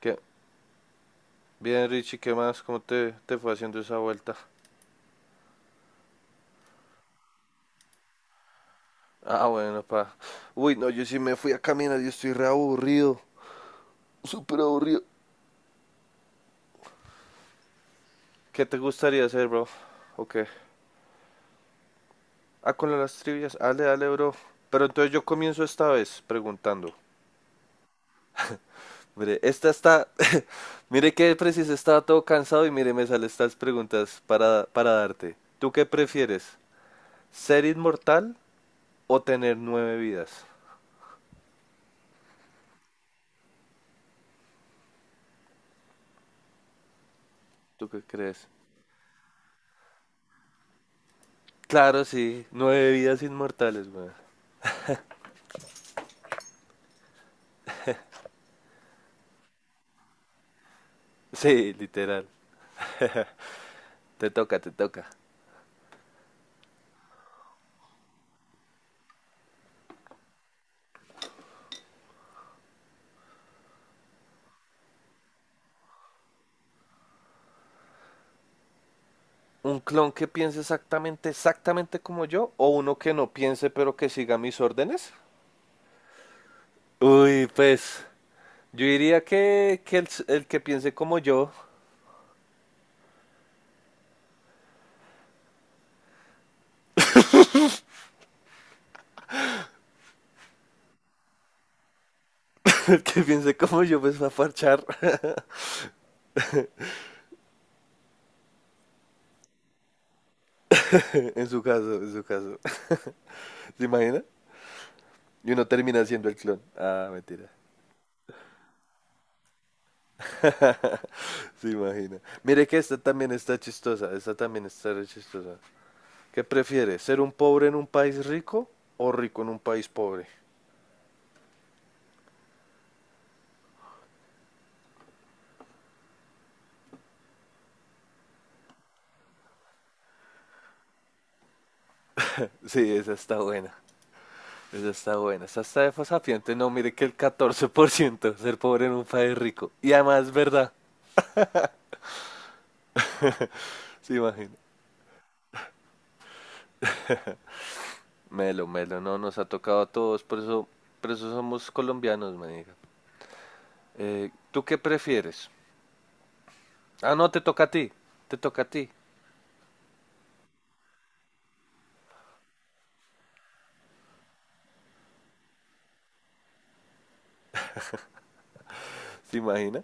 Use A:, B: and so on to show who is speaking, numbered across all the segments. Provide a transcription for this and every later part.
A: ¿Qué? Bien, Richie, ¿qué más? ¿Cómo te fue haciendo esa vuelta? Ah, bueno, pa. Uy, no, yo sí me fui a caminar, yo estoy re aburrido. Súper aburrido. ¿Qué te gustaría hacer, bro? ¿O qué? Ah, con las trivias. Dale, dale, bro. Pero entonces yo comienzo esta vez preguntando. Mire, esta está. Mire que preciso, estaba todo cansado y mire, me salen estas preguntas para darte. ¿Tú qué prefieres? ¿Ser inmortal o tener nueve vidas? ¿Tú qué crees? Claro, sí. Nueve vidas inmortales, güey. Sí, literal. Te toca, te toca. ¿Un clon que piense exactamente, exactamente como yo? ¿O uno que no piense pero que siga mis órdenes? Uy, pues yo diría que el que piense como yo, el que piense como yo, pues va a parchar. En su caso, en su caso. ¿Se imagina? Y uno termina siendo el clon. Ah, mentira. Se imagina. Mire que esta también está chistosa, esta también está re chistosa. ¿Qué prefiere? ¿Ser un pobre en un país rico o rico en un país pobre? Sí, esa está buena. Esa está buena. Esa está de fasapiente. No, mire que el 14% ser pobre en un país rico. Y además es verdad. Se imagina. Melo, melo, no, nos ha tocado a todos. Por eso somos colombianos, me diga. ¿Tú qué prefieres? Ah, no, te toca a ti. Te toca a ti. ¿Se imagina?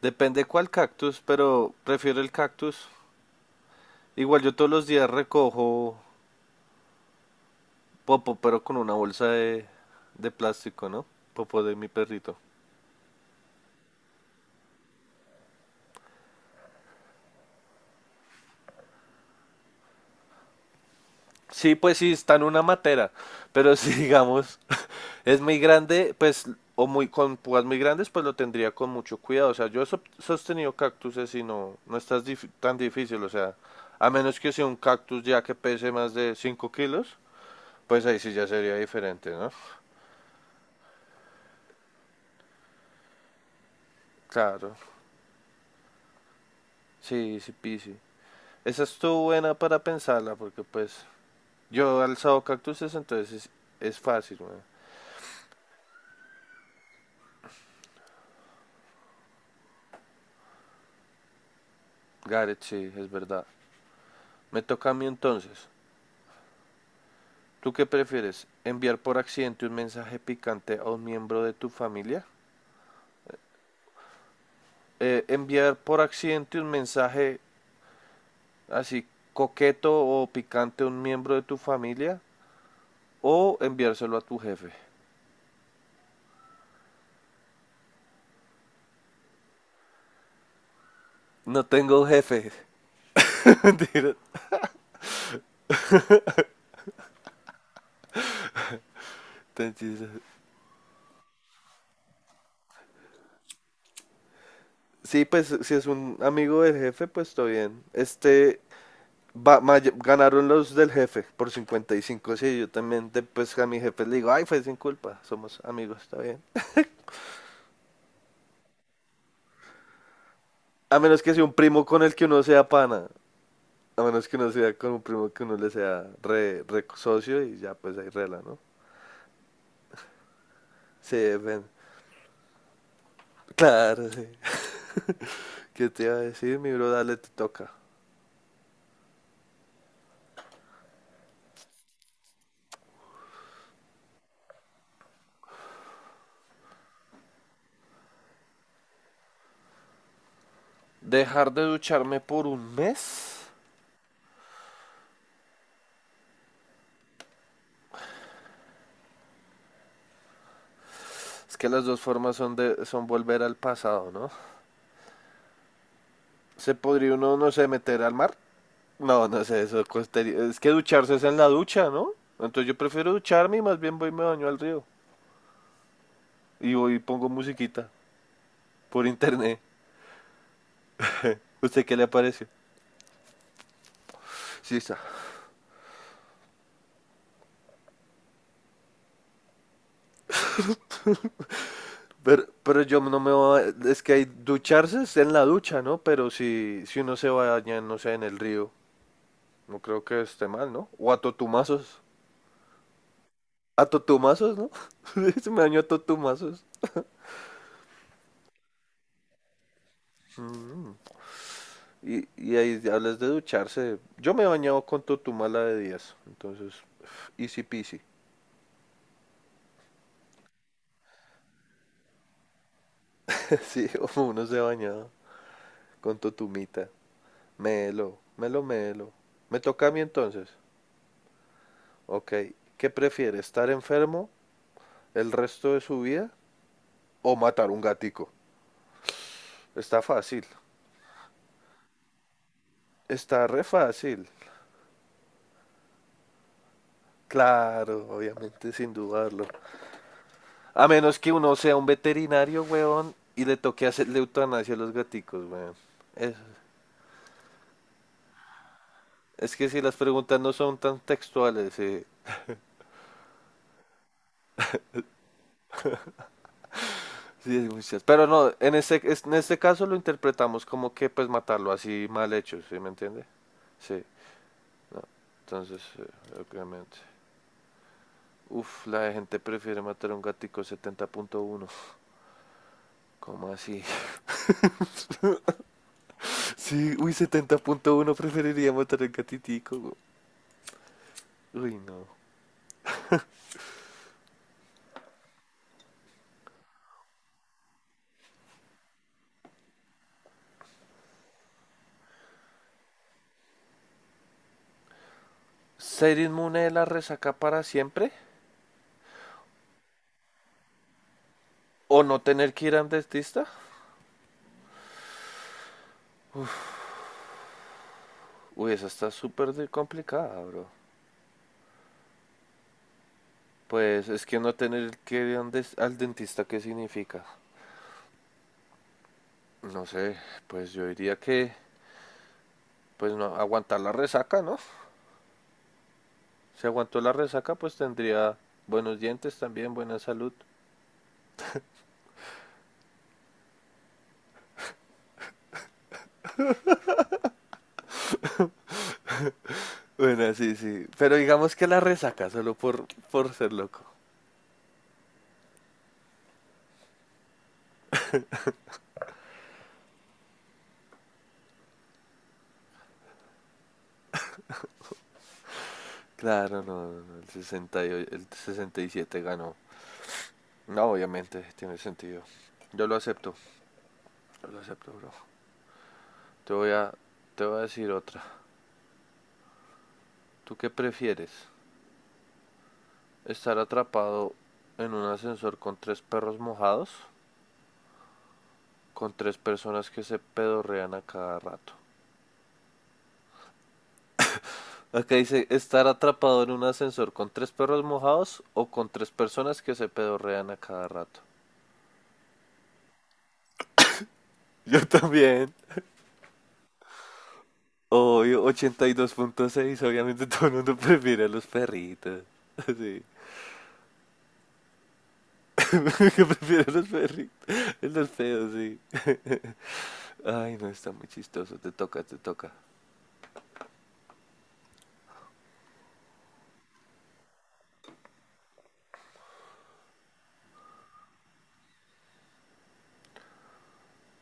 A: Depende cuál cactus, pero prefiero el cactus. Igual yo todos los días recojo Popo, pero con una bolsa de plástico, ¿no? Popo de mi perrito. Sí, pues sí, está en una matera, pero si digamos es muy grande, pues, o muy con púas muy grandes, pues lo tendría con mucho cuidado. O sea, yo he sostenido cactuses y no, no está tan difícil, o sea, a menos que sea un cactus ya que pese más de 5 kilos, pues ahí sí ya sería diferente, ¿no? Claro, sí, sí, sí. Esa estuvo buena para pensarla, porque pues yo he alzado cactuses, entonces es fácil, weón. Gareth, sí, es verdad. Me toca a mí entonces. ¿Tú qué prefieres? ¿Enviar por accidente un mensaje picante a un miembro de tu familia? ¿Enviar por accidente un mensaje así coqueto o picante a un miembro de tu familia? ¿O enviárselo a tu jefe? No tengo jefe. Mentira. Sí, pues si es un amigo del jefe, pues está bien. Este, ganaron los del jefe por 55, sí, yo también pues a mi jefe le digo, ay, fue sin culpa, somos amigos, está bien. A menos que sea un primo con el que uno sea pana, a menos que uno sea con un primo que uno le sea re, re socio y ya pues ahí rela, ¿no? Sí, ven. Claro, sí. ¿Qué te iba a decir, mi bro? Dale, te toca. Dejar de ducharme por un mes. Es que las dos formas son de son volver al pasado, ¿no? Se podría uno, no sé, meter al mar. No, no sé, eso costaría. Es que ducharse es en la ducha, ¿no? Entonces yo prefiero ducharme y más bien voy y me baño al río. Y voy y pongo musiquita por internet. ¿Usted qué le pareció? Sí, está. Pero yo no me voy a... Es que hay ducharse es en la ducha, ¿no? Pero si uno se baña, no sé, en el río, no creo que esté mal, ¿no? O a totumazos. A totumazos, ¿no? Se me bañó a totumazos. Y ahí hablas de ducharse. Yo me he bañado con totumala de días. Entonces, easy peasy. Sí, uno se baña con totumita. Melo, melo, melo. ¿Me toca a mí entonces? Ok. ¿Qué prefiere? ¿Estar enfermo el resto de su vida o matar un gatico? Está fácil. Está re fácil. Claro, obviamente, sin dudarlo. A menos que uno sea un veterinario, weón, y le toque hacerle eutanasia a los gaticos, weón. Es, es que si las preguntas no son tan textuales, sí, es muchas. Pero no, en este, en este caso lo interpretamos como que pues matarlo así mal hecho, ¿sí me entiende? Sí, no. Entonces, obviamente. Uf, la gente prefiere matar a un gatico 70.1. ¿Cómo así? Sí, uy, 70.1 preferiría matar a un gatitico. Güey. Uy, no. ¿Ser inmune de la resaca para siempre? ¿O no tener que ir a un dentista? Uy, esa está súper complicada, bro. Pues es que no tener que ir a un al dentista, ¿qué significa? No sé, pues yo diría que pues no aguantar la resaca, ¿no? Si aguantó la resaca, pues tendría buenos dientes también, buena salud. Bueno, sí, sí. Pero digamos que la resaca solo por ser loco. Claro, no, no, no, el 68, el 67 ganó. No, obviamente, tiene sentido. Yo lo acepto, yo lo acepto, bro. Te voy a, te voy a decir otra. ¿Tú qué prefieres? ¿Estar atrapado en un ascensor con tres perros mojados con tres personas que se pedorrean a cada rato? Acá dice estar atrapado en un ascensor con tres perros mojados o con tres personas que se pedorrean a cada rato. Yo también. Obvio, 82.6. Obviamente todo el mundo prefiere a los perritos. Sí. Que prefiere a los perritos. Los feos, sí. Ay, no, está muy chistoso. Te toca, te toca.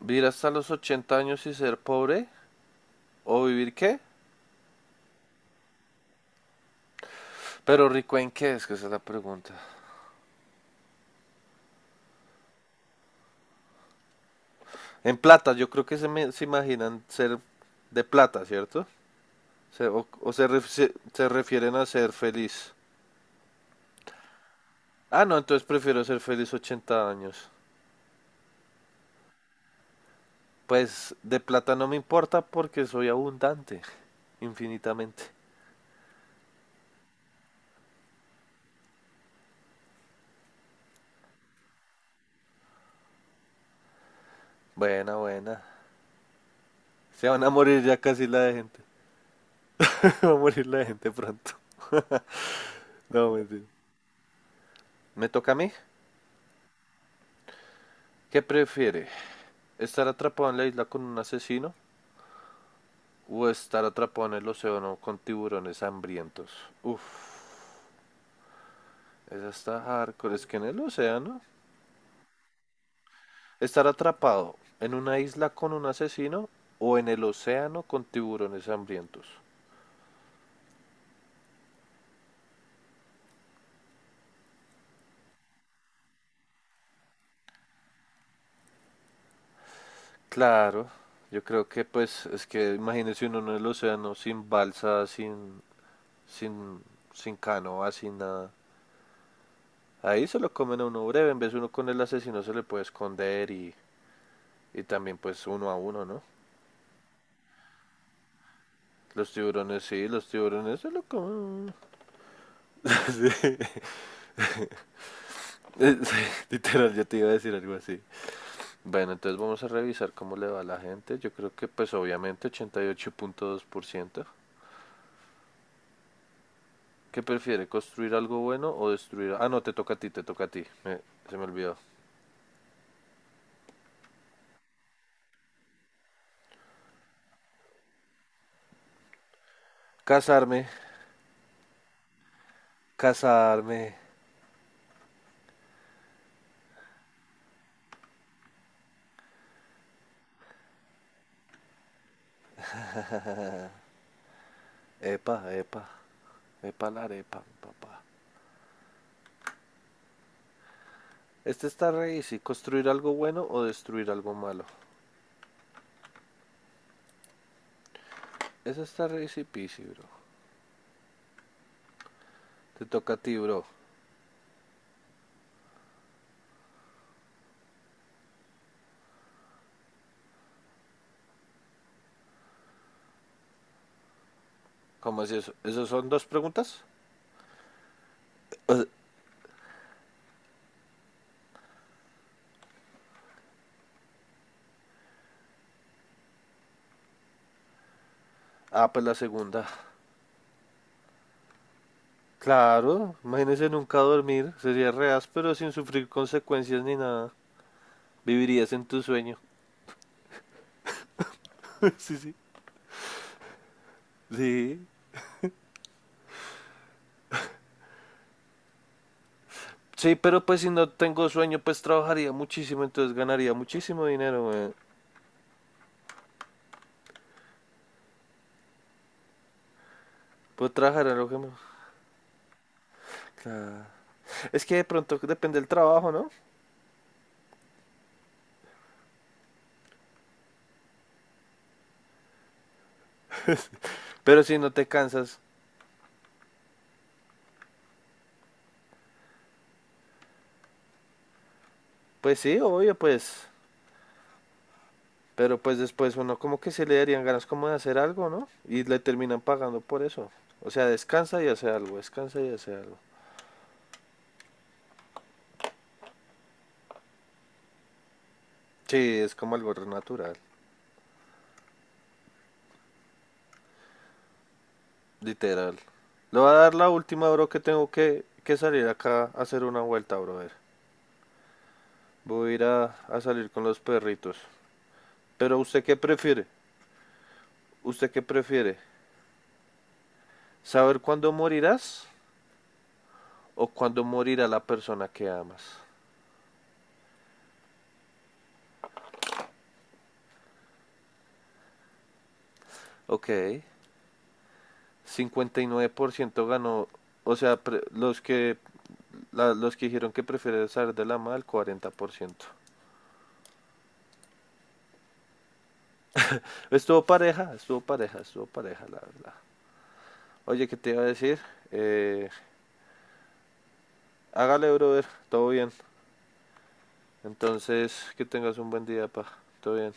A: ¿Vivir hasta los 80 años y ser pobre? ¿O vivir qué? Pero rico en qué es que esa es la pregunta. En plata, yo creo que se imaginan ser de plata, ¿cierto? Se- o se, ref- se- se refieren a ser feliz. Ah, no, entonces prefiero ser feliz 80 años. Pues de plata no me importa porque soy abundante, infinitamente. Buena, buena. Se van a morir ya casi la de gente. Va a morir la de gente pronto. No, mentira. ¿Me toca a mí? ¿Qué prefiere? ¿Estar atrapado en la isla con un asesino? ¿O estar atrapado en el océano con tiburones hambrientos? Uf. Esa está hardcore. Es que en el océano, estar atrapado en una isla con un asesino o en el océano con tiburones hambrientos. Claro, yo creo que pues es que imagínese uno en el océano sin balsa, sin, sin canoa, sin nada. Ahí se lo comen a uno breve, en vez de uno con el asesino se le puede esconder y también pues uno a uno, ¿no? Los tiburones sí, los tiburones se lo comen. Sí, literal, yo te iba a decir algo así. Bueno, entonces vamos a revisar cómo le va a la gente. Yo creo que pues obviamente 88.2%. ¿Qué prefiere? ¿Construir algo bueno o destruir? Ah, no, te toca a ti, te toca a ti. Se me olvidó. Casarme, casarme. Epa, epa, epa la arepa, mi papá. Este está re easy. ¿Construir algo bueno o destruir algo malo? Ese está re easy peasy, bro. Te toca a ti, bro. ¿Cómo es eso? ¿Esas son dos preguntas? O... ah, pues la segunda. Claro, imagínese nunca dormir, sería reas, pero sin sufrir consecuencias ni nada. Vivirías en tu sueño. Sí, sí. Sí. Sí, pero pues si no tengo sueño, pues trabajaría muchísimo, entonces ganaría muchísimo dinero, güey. Puedo trabajar a lo que me... Claro. Es que de pronto depende del trabajo, ¿no? Pero si no te cansas, pues sí, obvio, pues. Pero pues después uno como que se le darían ganas como de hacer algo, ¿no? Y le terminan pagando por eso. O sea, descansa y hace algo, descansa y hace algo. Sí, es como algo re natural, literal. Le voy a dar la última, bro, que tengo que salir acá a hacer una vuelta, brother. Voy a ir a salir con los perritos. Pero ¿usted qué prefiere? ¿Usted qué prefiere? ¿Saber cuándo morirás o cuándo morirá la persona que amas? Ok, 59% ganó, o sea, los que los que dijeron que prefieren saber de la mal, 40%. Estuvo pareja, estuvo pareja, estuvo pareja, la verdad. Oye, ¿qué te iba a decir? Eh, hágale, brother, todo bien. Entonces, que tengas un buen día, pa. Todo bien.